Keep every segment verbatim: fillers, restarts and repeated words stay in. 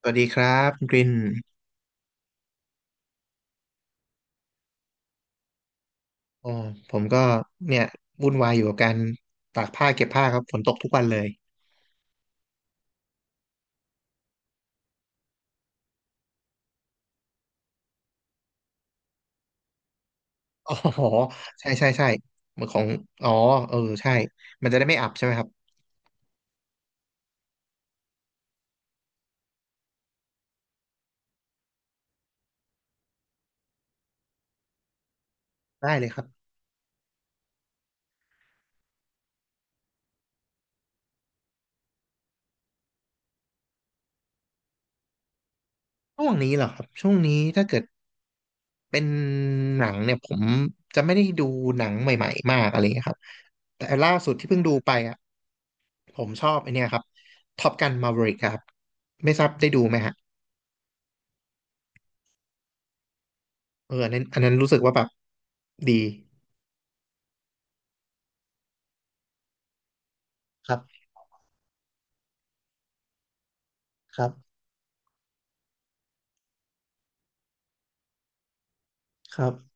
สวัสดีครับคุณกรินอ๋อผมก็เนี่ยวุ่นวายอยู่กับการตากผ้าเก็บผ้าครับฝนตกทุกวันเลย อ๋อใช่ใช่ใช่เหมือนของอ๋อเออใช่ มันจะได้ไม่อับใช่ไหมครับได้เลยครับช่วงนี้เหรอครับช่วงนี้ถ้าเกิดเป็นหนังเนี่ยผมจะไม่ได้ดูหนังใหม่ๆมากอะไรเงี้ยครับแต่ล่าสุดที่เพิ่งดูไปอ่ะผมชอบไอเนี้ยครับท็อปกันมา v e ริกครับไม่ทราบได้ดูไหมฮะเอออันนั้นอันนั้นรู้สึกว่าแบบดีครับครับครับ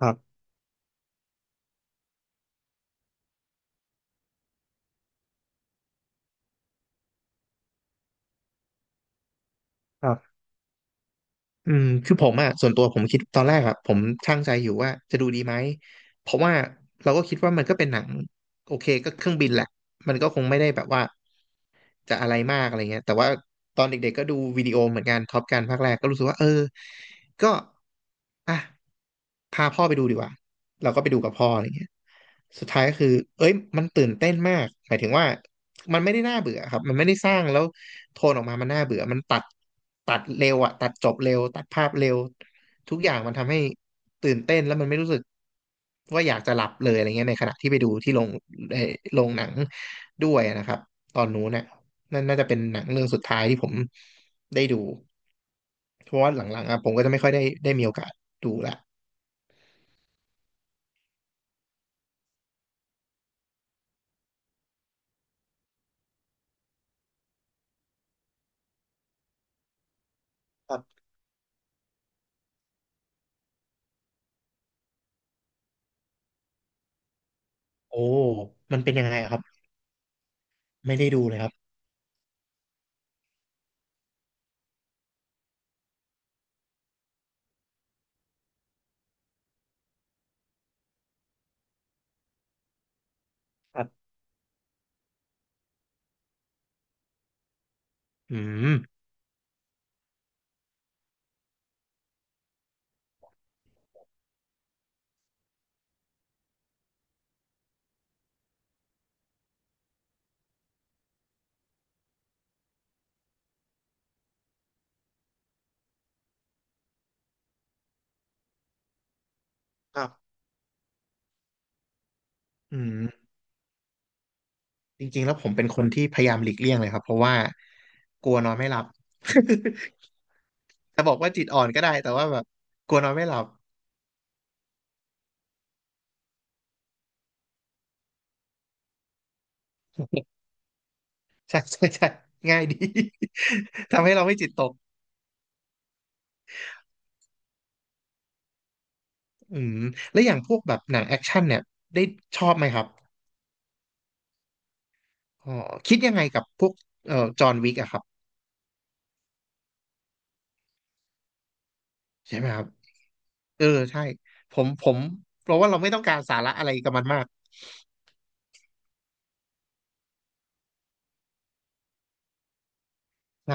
ครับ ครับอืมคือผมอ่ะส่วนตัวผมคิดตอนแรกอ่ะผมชั่งใจอยู่ว่าจะดูดีไหมเพราะว่าเราก็คิดว่ามันก็เป็นหนังโอเคก็เครื่องบินแหละมันก็คงไม่ได้แบบว่าจะอะไรมากอะไรเงี้ยแต่ว่าตอนเด็กๆก็ดูวิดีโอเหมือนกันท็อปกันภาคแรกก็รู้สึกว่าเออ ก็อ่ะพาพ่อไปดูดีกว่า เราก็ไปดูกับพ่ออะไรเงี้ยสุดท้ายก็คือเอ้ยมันตื่นเต้นมากหมายถึงว่า มันไม่ได้น่าเบื่อครับมันไม่ได้สร้างแล้วโทนออกมา มันน่าเบื่อ มันตัดตัดเร็วอะตัดจบเร็ว ตัดภาพเร็ว ทุกอย่างมันทำให้ตื่นเต้นแล้วมันไม่รู้สึกว่าอยากจะหลับเลยอะไรเงี้ยในขณะที่ไปดูที่โรงเอ่อโรงหนังด้วยนะครับ ตอนนู้นเนี่ยนั่นน่าจะเป็นหนังเรื่องสุดท้ายที่ผมได้ดูเพราะว่าหลังๆอะผมก็จะไม่ค่อยได้ได้มีโอกาสดูละครับโอ้มันเป็นยังไงอะครับไม่ได้ดูเลยครับครับอืมครับอืม จริงๆแล้วผมเป็นคนที่พยายามหลีกเลี่ยงเลยครับเพราะว่ากลัวนอนไม่หลับ จะบอกว่าจิตอ่อนก็ได้แต่ว่าแบบกลัวนอนไม่หลับ ใช่ใช่ใช่ง่ายดี ทำให้เราไม่จิตตกอืมแล้วอย่างพวกแบบหนังแอคชั่นเนี่ยได้ชอบไหมครับอ๋อคิดยังไงกับพวกเอ่อจอห์นวิกอะครับใช่ไหมครับเออใช่ผมผมเพราะว่าเราไม่ต้องการสาระอะไรกับมันมากใช่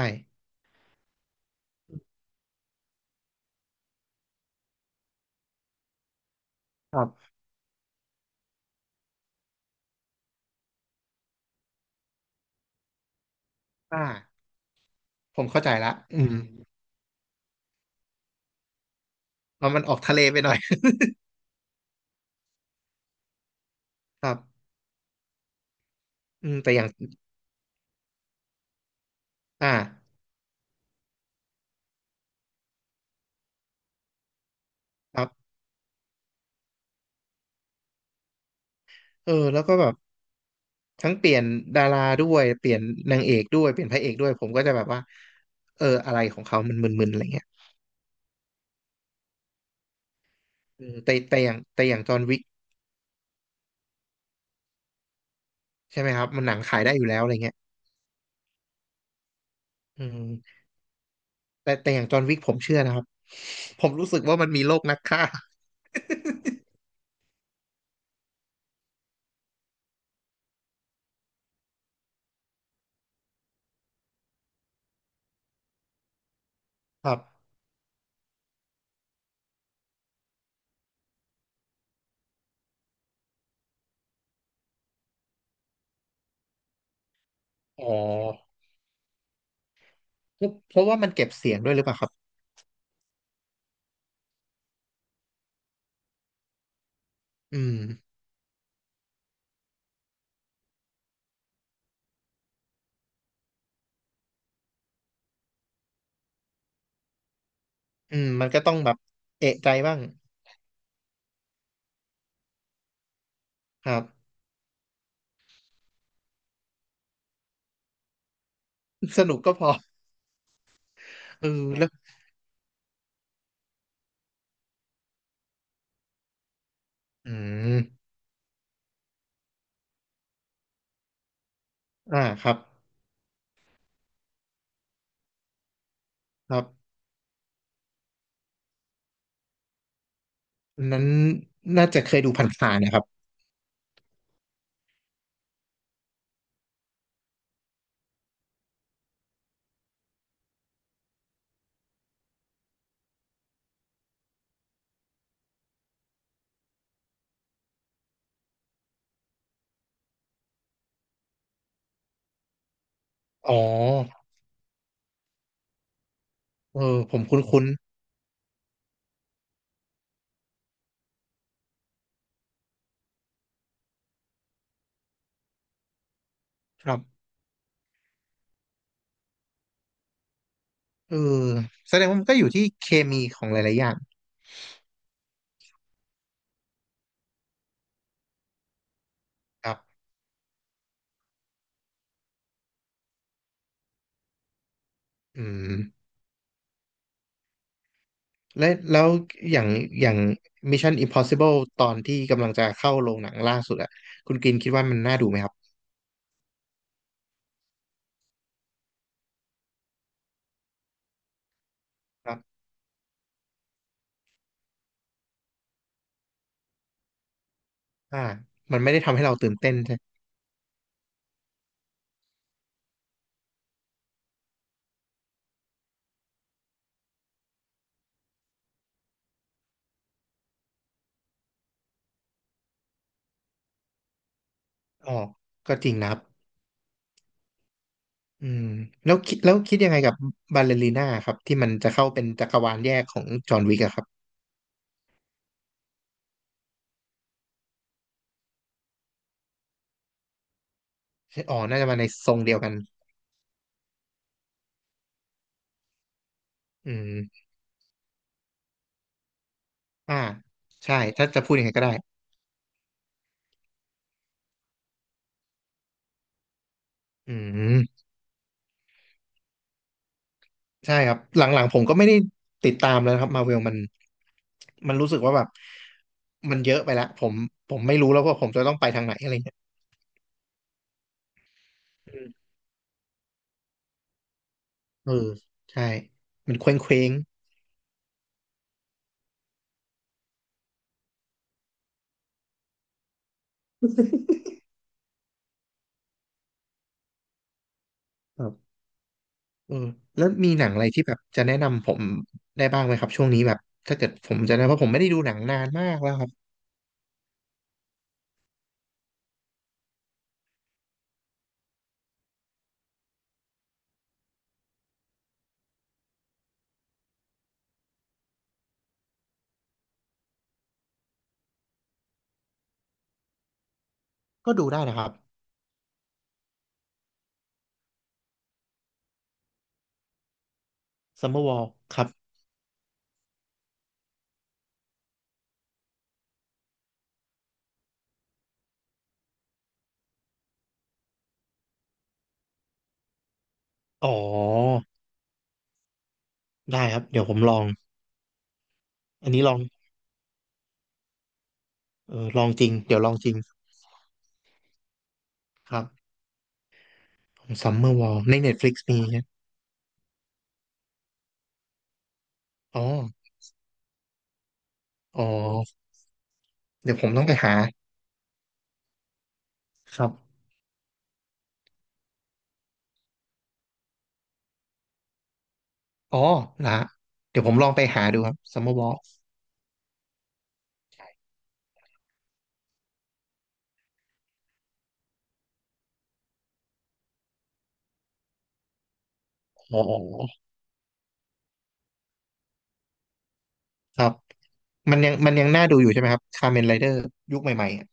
ครับอ่าผมเข้าใจละอืมเอามันออกทะเลไปหน่อย ครับ อืมแต่อย่างอ่าครับเออแล้วก็แบบทั้งเปลี่ยนดาราด้วยเปลี่ยนนางเอกด้วยเปลี่ยนพระเอกด้วยผมก็จะแบบว่าเอออะไรของเขามันมึนๆอะไรเงี้ยอืมแต่แต่อย่างแต่อย่างจอห์นวิกใช่ไหมครับมันหนังขายได้อยู่แล้วอะไรเงี้ยอืมแต่แต่อย่างจอห์นวิกผมเชื่อนะครับผมรู้สึกว่ามันมีโลกนักฆ่า ครับอ๋อเพราะว่ามันเก็บเสียงด้วยหรือเปล่าครับอืมอืมมันก็ต้องแบบเอะใจบ้างครับ สนุกก็พอเออแล้วอืมอ่าครับ ครับอันนั้นน่าจะเคยดูผ่านๆนะครับอ๋อเออผมคุ้นๆครับเออแสดงว่ามันก็อยู่ที่เคมีของหลายๆอย่างครับอืมและแล้วอย่างอย่าง Mission Impossible ตอนที่กำลังจะเข้าโรงหนังล่าสุดอะคุณกินคิดว่ามันน่าดูไหมครับครับอ่ามันไม่ได้ทำให้เราตื่นเต้นใช่อ๋อก็จริงนะครับอืมแล้วคิดแล้วคิดยังไงกับบาลเลรีน่าครับที่มันจะเข้าเป็นจักรวาลแยกของจอห์นวิกอะครับใช่อ๋อน่าจะมาในทรงเดียวกันอืม อ่าใช่ถ้าจะพูดอย่างไงก็ได้อืมใช่ครับหลังๆผมก็ไม่ได้ติดตามแล้วนะครับมาเวลมันมันรู้สึกว่าแบบมันเยอะไปละผมผมไม่รู้แล้วว่าผมจะต้องไปทางไหนอะไรเงี้ยอืมเออใช่มันเคว้งเคว้งครับเออแล้วมีหนังอะไรที่แบบจะแนะนำผมได้บ้างไหมครับช่วงนี้แบบถ้าเกิดผมจะนะเพราะผมไม่ได้ดูหนังนานมากแล้วครับก็ดูได้นะครับ Summerwall ครับอ๋อได้ครับเดี๋ยวผมลองอันนี้ลองเออลองจริงเดี๋ยวลองจริงครับ ซัมเมอร์วอลใน Netflix มีใช่ไหมอ๋ออ๋อเดี๋ยวผมต้องไปหาครับอ๋อนะเดี๋ยวผมลองไปหาดูครับซัมเมอร์วอลอ๋อครับมันยังมันยังน่าดูอยู่ใช่ไหมครับคา m เมนไรเดอร์ยุคใหม่ๆอะ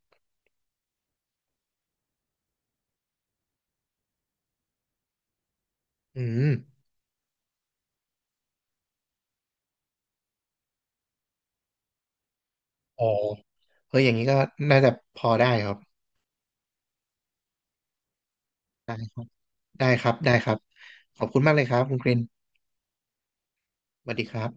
อืมอ๋อเฮ้ยอย่างนี้ก็น่าจะพอได้ครับได้ครับได้ครับได้ครับขอบคุณมากเลยครับคุณกรินสวัสดีครับ